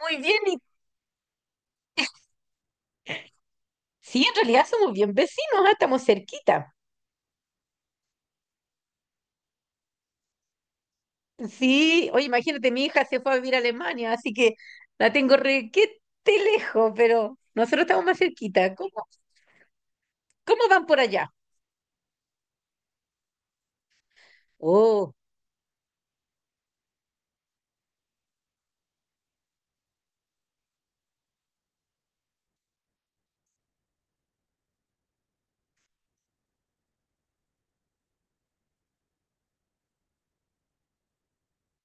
Muy bien, y sí, en realidad somos bien vecinos, estamos cerquita. Sí, oye, imagínate, mi hija se fue a vivir a Alemania, así que la tengo requete lejos, pero nosotros estamos más cerquita. ¿Cómo van por allá? Oh,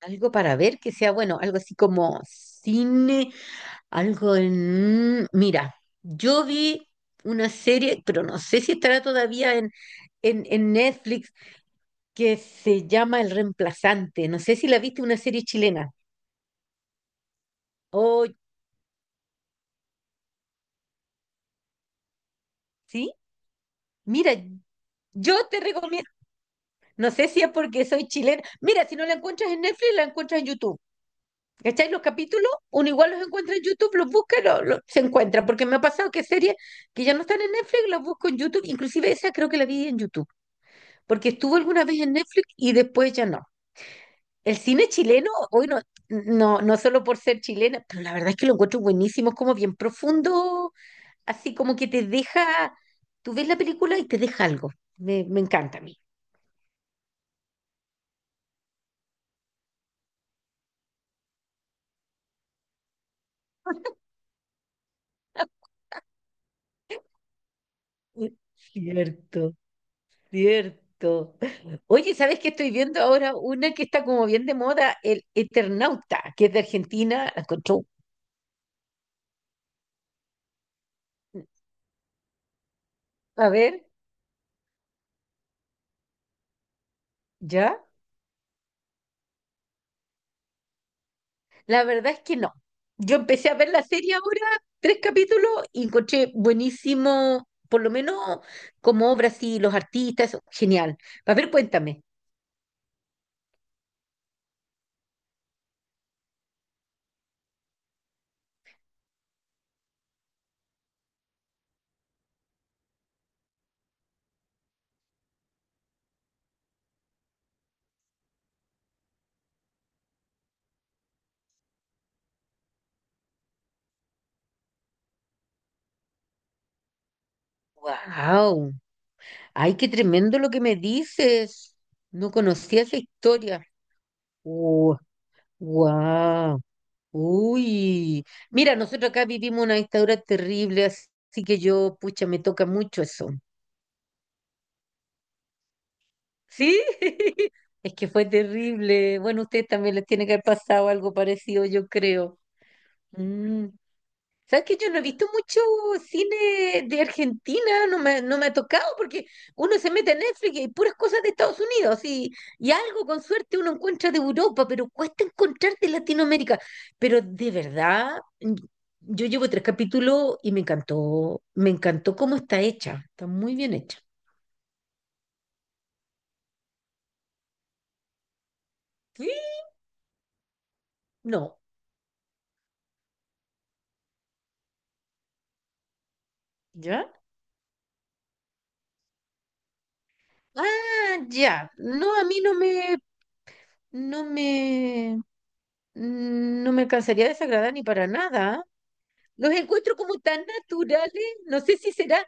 algo para ver que sea bueno, algo así como cine, Mira, yo vi una serie, pero no sé si estará todavía en, en Netflix, que se llama El Reemplazante. No sé si la viste, una serie chilena. Oh, ¿sí? Mira, yo te recomiendo, no sé si es porque soy chilena, mira, si no la encuentras en Netflix, la encuentras en YouTube. ¿Cachai? Los capítulos, uno igual los encuentra en YouTube, los busca, se encuentra, porque me ha pasado que series que ya no están en Netflix, las busco en YouTube, inclusive esa creo que la vi en YouTube, porque estuvo alguna vez en Netflix y después ya no. El cine chileno, hoy no, no, no solo por ser chilena, pero la verdad es que lo encuentro buenísimo, es como bien profundo, así como que te deja, tú ves la película y te deja algo. Me encanta a mí. Cierto, cierto. Oye, ¿sabes qué estoy viendo ahora? Una que está como bien de moda, el Eternauta, que es de Argentina. La encontró. A ver, ¿ya? La verdad es que no. Yo empecé a ver la serie ahora, tres capítulos, y encontré buenísimo, por lo menos como obras y los artistas, genial. A ver, cuéntame. ¡Wow! ¡Ay, qué tremendo lo que me dices! No conocía esa historia. ¡Wow! Uy, mira, nosotros acá vivimos una dictadura terrible, así que yo, pucha, me toca mucho eso. ¿Sí? Es que fue terrible. Bueno, ustedes también les tiene que haber pasado algo parecido, yo creo. Mm. ¿Sabes que yo no he visto mucho cine de Argentina? No me ha tocado porque uno se mete en Netflix y puras cosas de Estados Unidos y algo con suerte uno encuentra de Europa, pero cuesta encontrar de Latinoamérica. Pero de verdad, yo llevo tres capítulos y me encantó cómo está hecha, está muy bien hecha. ¿Sí? No. ¿Ya? Ah, ya. No, a mí no me, no me cansaría de desagradar ni para nada. Los encuentro como tan naturales, no sé si será,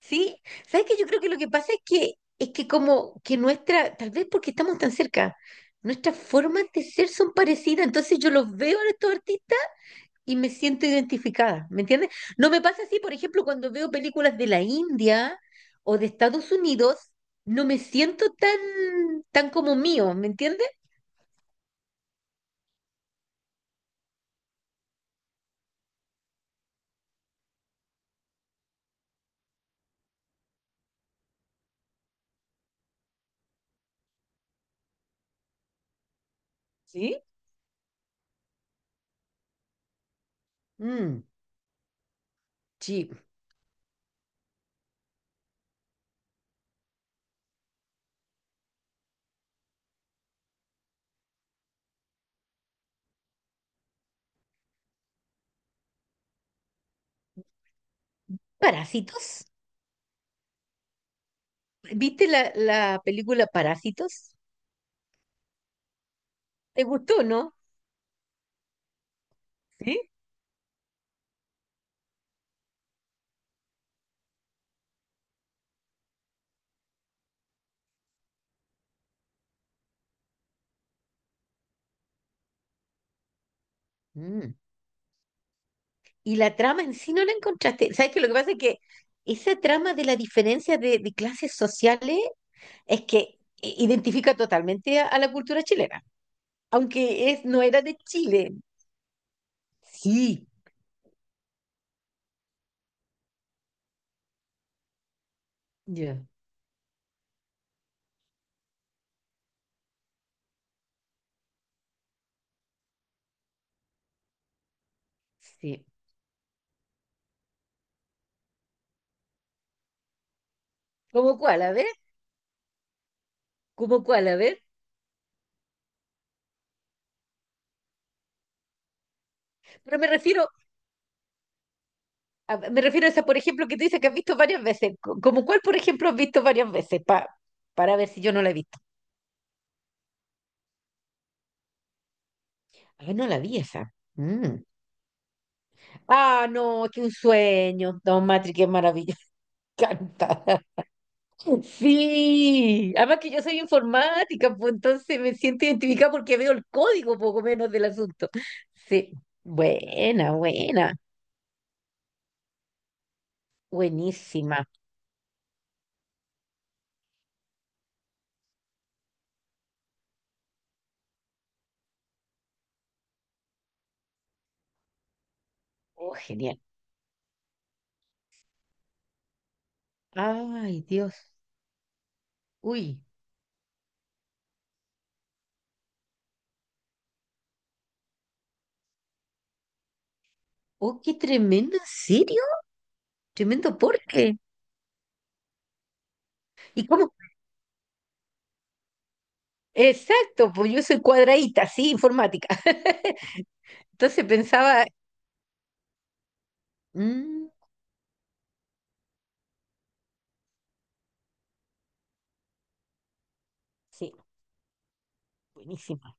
sí. ¿Sabes qué? Yo creo que lo que pasa es que como que nuestra, tal vez porque estamos tan cerca, nuestras formas de ser son parecidas, entonces yo los veo a estos artistas y me siento identificada, ¿me entiendes? No me pasa así, por ejemplo, cuando veo películas de la India o de Estados Unidos, no me siento tan como mío, ¿me entiendes? ¿Sí? Mm, sí. Parásitos. ¿Viste la película Parásitos? ¿Te gustó, no? ¿Sí? Mm. Y la trama en sí no la encontraste. ¿Sabes qué? Lo que pasa es que esa trama de la diferencia de clases sociales es que identifica totalmente a la cultura chilena, aunque no era de Chile. Sí, ya, sí. ¿Cómo cuál? A ver, ¿cómo cuál? A ver. Pero me refiero a esa, por ejemplo, que tú dices que has visto varias veces. ¿Cómo cuál, por ejemplo, has visto varias veces? Para ver si yo no la he visto. Ah, no la vi esa. Mm. Ah, no, qué un sueño. Don Matri, qué maravilla. Encantada. Sí, además que yo soy informática, pues entonces me siento identificada porque veo el código poco menos del asunto. Sí, buena, buena, buenísima. Oh, genial. Ay, Dios. Uy, oh, qué tremendo, ¿en serio? Tremendo, ¿por qué? ¿Y cómo? Exacto, pues yo soy cuadradita, sí, informática. Entonces pensaba, mm, sí, buenísima.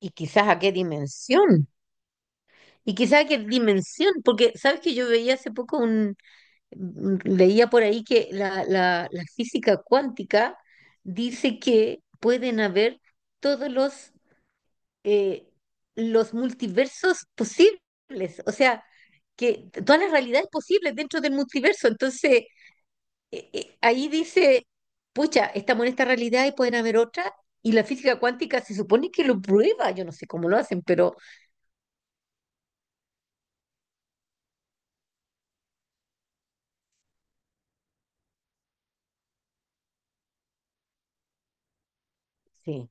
¿Y quizás a qué dimensión? Y quizá qué dimensión, porque sabes que yo veía hace poco leía por ahí que la física cuántica dice que pueden haber todos eh, los multiversos posibles, o sea, que todas las realidades posibles dentro del multiverso. Entonces, ahí dice, pucha, estamos en esta realidad y pueden haber otra, y la física cuántica se supone que lo prueba, yo no sé cómo lo hacen, pero sí,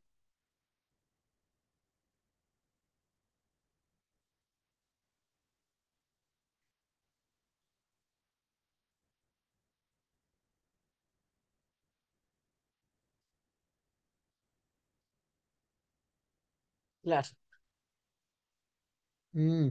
claro. Mm.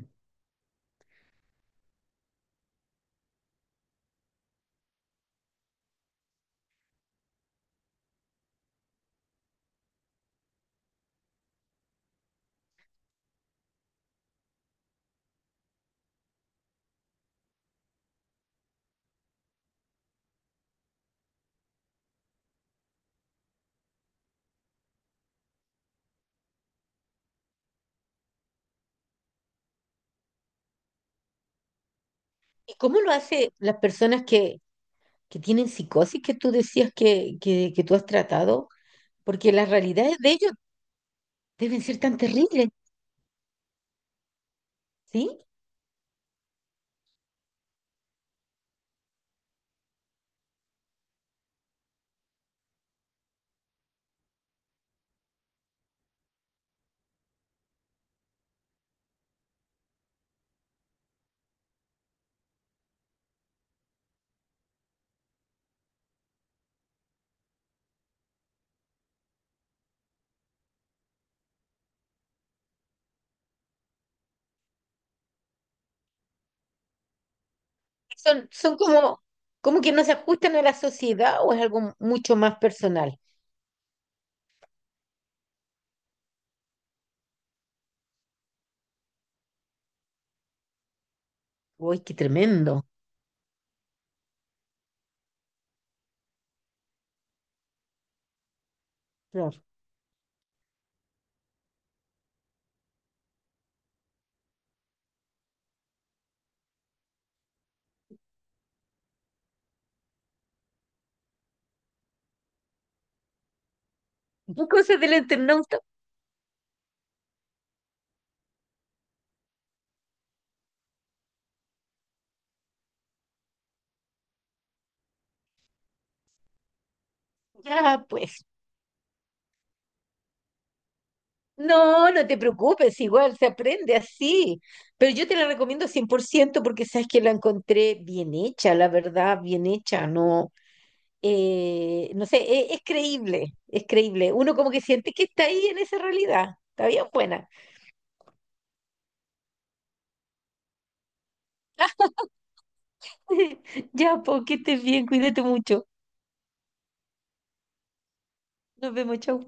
¿Y cómo lo hace las personas que tienen psicosis que tú decías que tú has tratado? Porque las realidades de ellos deben ser tan terribles, ¿sí? Son como que no se ajustan a la sociedad o es algo mucho más personal. Uy, qué tremendo. Claro. ¿Qué cosas del internauta? Ya, pues. No, no te preocupes, igual se aprende así. Pero yo te la recomiendo 100% porque sabes que la encontré bien hecha, la verdad, bien hecha. No, no sé, es, creíble, es creíble. Uno como que siente que está ahí en esa realidad. Está bien buena. Ya, pues, que estés bien, cuídate mucho. Nos vemos, chau.